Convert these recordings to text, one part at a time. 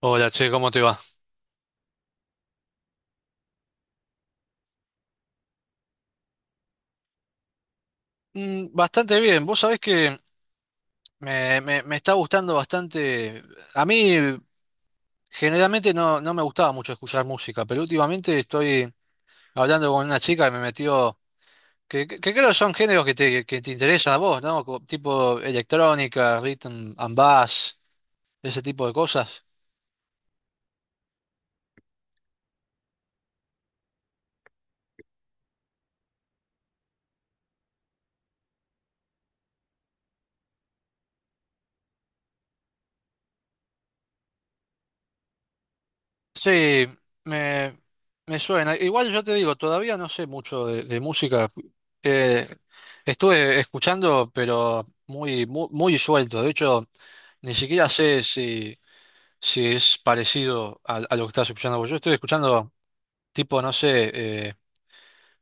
Hola, che, ¿cómo te va? Bastante bien. Vos sabés que me está gustando bastante. A mí generalmente no me gustaba mucho escuchar música, pero últimamente estoy hablando con una chica que me metió, que creo que son géneros que te interesan a vos, ¿no? Tipo electrónica, rhythm and bass, ese tipo de cosas. Sí, me, me suena. Igual yo te digo, todavía no sé mucho de música. Eh, estuve escuchando, pero muy suelto. De hecho, ni siquiera sé si es parecido a lo que estás escuchando vos. Yo estoy escuchando tipo, no sé, eh,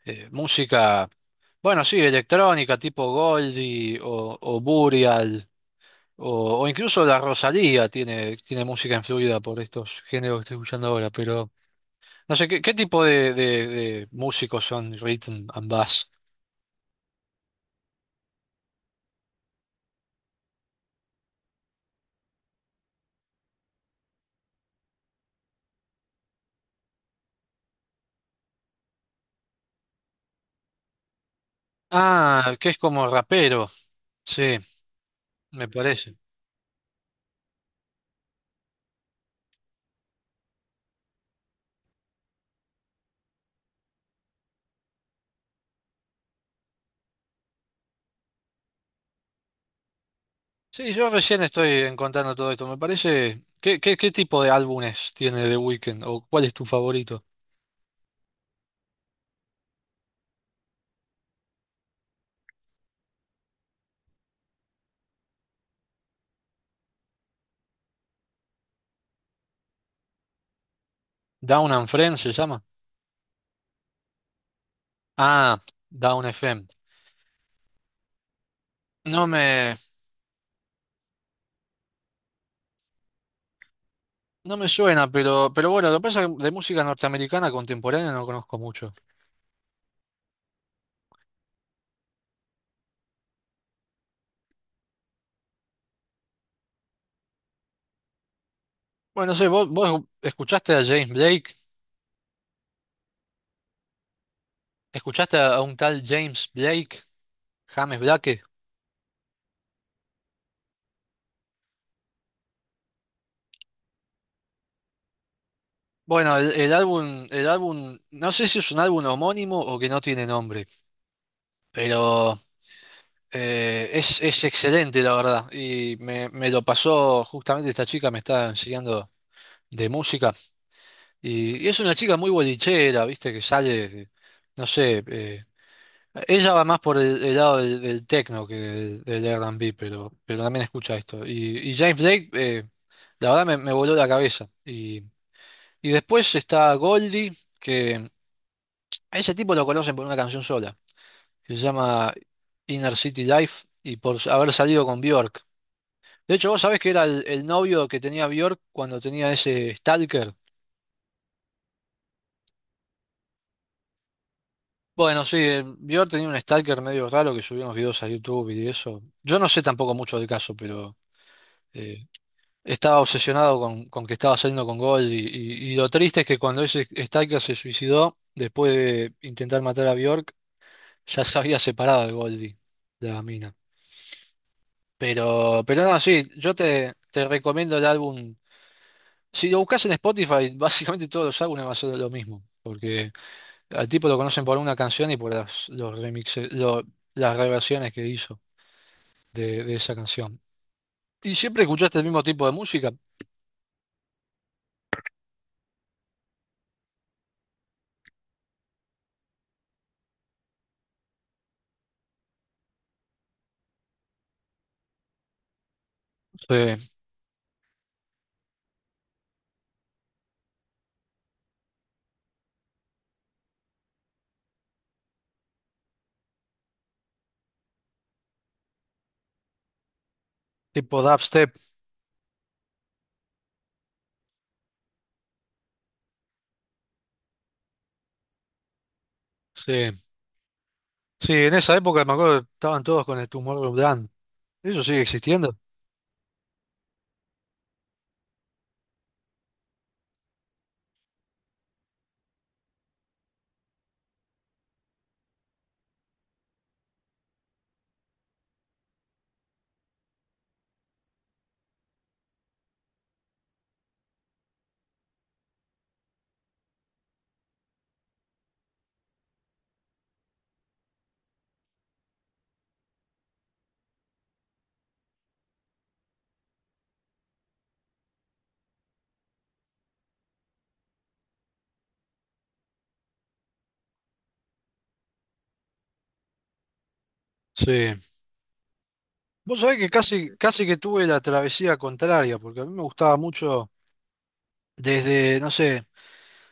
música, bueno, sí, electrónica, tipo Goldie o Burial, o incluso la Rosalía tiene música influida por estos géneros que estoy escuchando ahora, pero... No sé, ¿qué tipo de músicos son Rhythm and Bass? Ah, que es como rapero. Sí, me parece. Sí, yo recién estoy encontrando todo esto. Me parece. ¿Qué tipo de álbumes tiene The Weeknd? ¿O cuál es tu favorito? Down and Friends se llama. Ah, Down FM. No me, no me suena, pero bueno, lo que pasa es que de música norteamericana contemporánea no conozco mucho. Bueno, no sé, vos escuchaste a James Blake, escuchaste a un tal James Blake, James Blake. Bueno, el álbum, el álbum, no sé si es un álbum homónimo o que no tiene nombre, pero es excelente, la verdad. Y me lo pasó justamente esta chica, me está enseñando de música. Y es una chica muy bolichera, viste, que sale, no sé, ella va más por el lado del techno que del R&B, pero también escucha esto. Y James Blake, la verdad me voló la cabeza. Y después está Goldie. A ese tipo lo conocen por una canción sola, que se llama Inner City Life y por haber salido con Bjork. De hecho, vos sabés que era el novio que tenía Bjork cuando tenía ese stalker. Bueno, sí, Bjork tenía un stalker medio raro que subía unos videos a YouTube y eso. Yo no sé tampoco mucho del caso, pero eh, estaba obsesionado con que estaba saliendo con Gold y lo triste es que cuando ese stalker se suicidó, después de intentar matar a Bjork, ya se había separado de Goldie, de la mina. Pero no, sí, yo te recomiendo el álbum. Si lo buscas en Spotify, básicamente todos los álbumes van a ser lo mismo, porque al tipo lo conocen por una canción y por los remixes, las reversiones que hizo de esa canción. ¿Y siempre escuchaste el mismo tipo de música? Sí, tipo dubstep. Sí. Sí, en esa época me acuerdo que estaban todos con el tumor Dan. ¿Eso sigue existiendo? Sí. Vos sabés que casi que tuve la travesía contraria, porque a mí me gustaba mucho desde, no sé,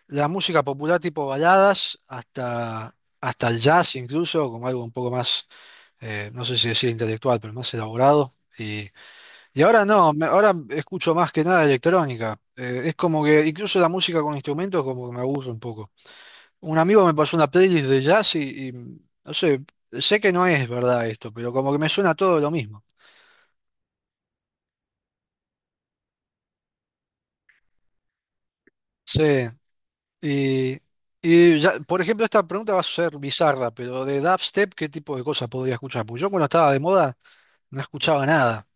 la música popular tipo baladas hasta el jazz incluso, como algo un poco más, no sé si decir intelectual, pero más elaborado. Y, y ahora no, ahora escucho más que nada electrónica. Es como que incluso la música con instrumentos como que me aburre un poco. Un amigo me pasó una playlist de jazz no sé, sé que no es verdad esto, pero como que me suena todo lo mismo. Sí, y, por ejemplo, esta pregunta va a ser bizarra, pero de dubstep, ¿qué tipo de cosas podría escuchar? Porque yo cuando estaba de moda no escuchaba nada.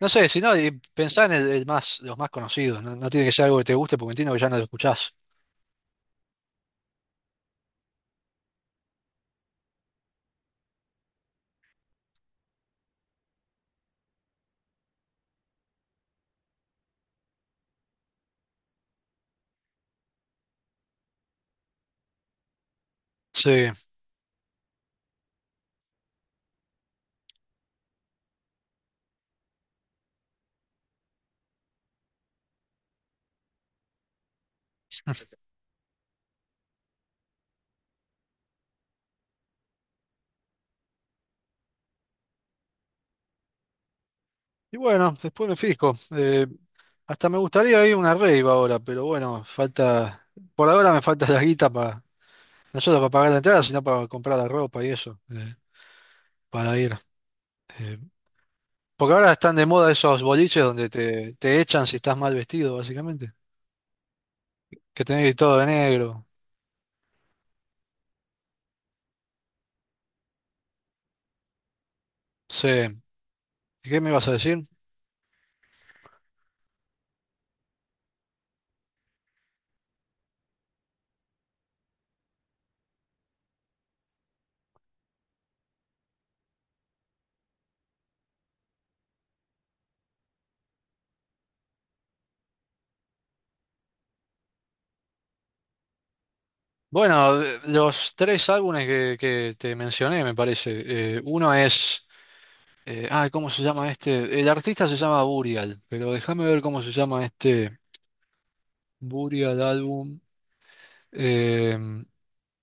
No sé, si no, y pensá en el más, los más conocidos. No, no tiene que ser algo que te guste porque entiendo que ya no lo escuchás. Sí. Y bueno, después me fijo. Hasta me gustaría ir a una rave ahora, pero bueno, falta. Por ahora me falta la guita para. No solo para pagar la entrada, sino para comprar la ropa y eso, para ir. Eh, porque ahora están de moda esos boliches donde te echan si estás mal vestido, básicamente. Que tenés que ir todo de negro. Sí. ¿Y qué me ibas a decir? Bueno, los tres álbumes que te mencioné, me parece. Uno es, ay, ¿cómo se llama este? El artista se llama Burial, pero déjame ver cómo se llama este Burial álbum. Eh,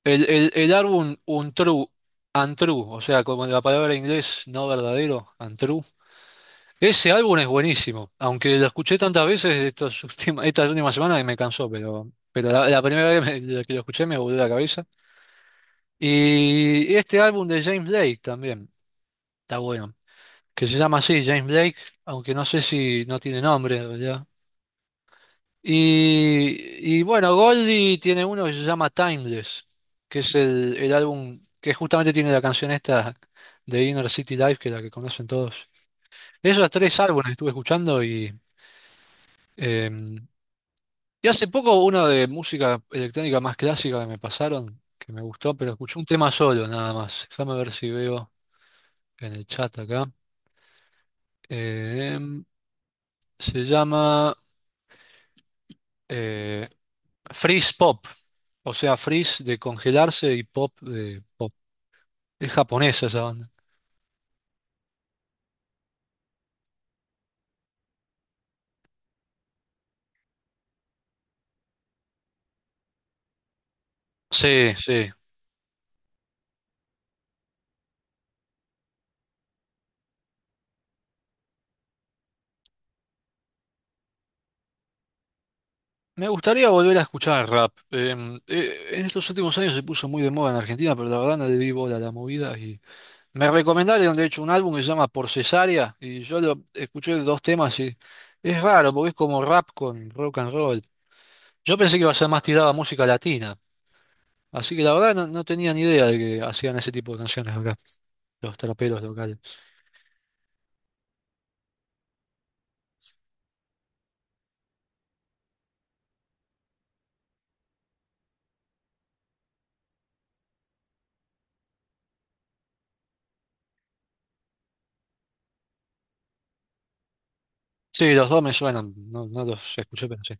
el álbum Untrue, Untrue, o sea, como la palabra en inglés no verdadero, Untrue. Ese álbum es buenísimo, aunque lo escuché tantas veces estos estas últimas semanas que me cansó, pero la primera vez que lo escuché me volvió la cabeza. Y este álbum de James Blake también está bueno, que se llama así, James Blake, aunque no sé si no tiene nombre en realidad. Y bueno, Goldie tiene uno que se llama Timeless, que es el álbum que justamente tiene la canción esta de Inner City Life, que es la que conocen todos. Esos tres álbumes estuve escuchando eh, y hace poco uno de música electrónica más clásica que me pasaron, que me gustó, pero escuché un tema solo nada más. Déjame ver si veo en el chat acá. Em, se llama eh, Freeze Pop, o sea, Freeze de congelarse y Pop de pop. Es japonesa esa banda. Sí, sí. Me gustaría volver a escuchar el rap. En estos últimos años se puso muy de moda en Argentina, pero la verdad no le di bola a la movida. Y me recomendaron, de hecho, un álbum que se llama Por Cesárea, y yo lo escuché dos temas y es raro, porque es como rap con rock and roll. Yo pensé que iba a ser más tirada a música latina. Así que la verdad no, no tenía ni idea de que hacían ese tipo de canciones acá, los traperos locales. Sí, los dos me suenan, no, no los escuché, pero sí.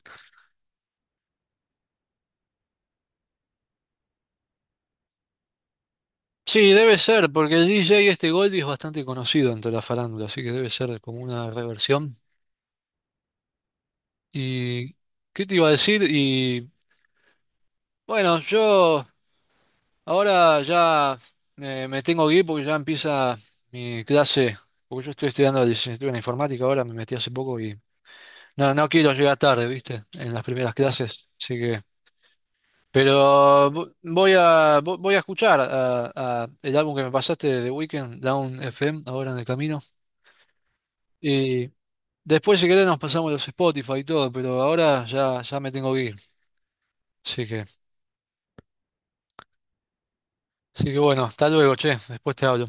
Sí, debe ser, porque el DJ este Goldie es bastante conocido entre la farándula, así que debe ser como una reversión. ¿Y qué te iba a decir? Y bueno, yo ahora ya me tengo que ir porque ya empieza mi clase, porque yo estoy estudiando licenciatura en informática ahora, me metí hace poco y no, no quiero llegar tarde, ¿viste? En las primeras clases, así que... Pero voy a escuchar a el álbum que me pasaste de The Weeknd, Down FM, ahora en el camino. Y después, si querés, nos pasamos los Spotify y todo, pero ahora ya, ya me tengo que ir. Así que, así que bueno, hasta luego, che. Después te hablo.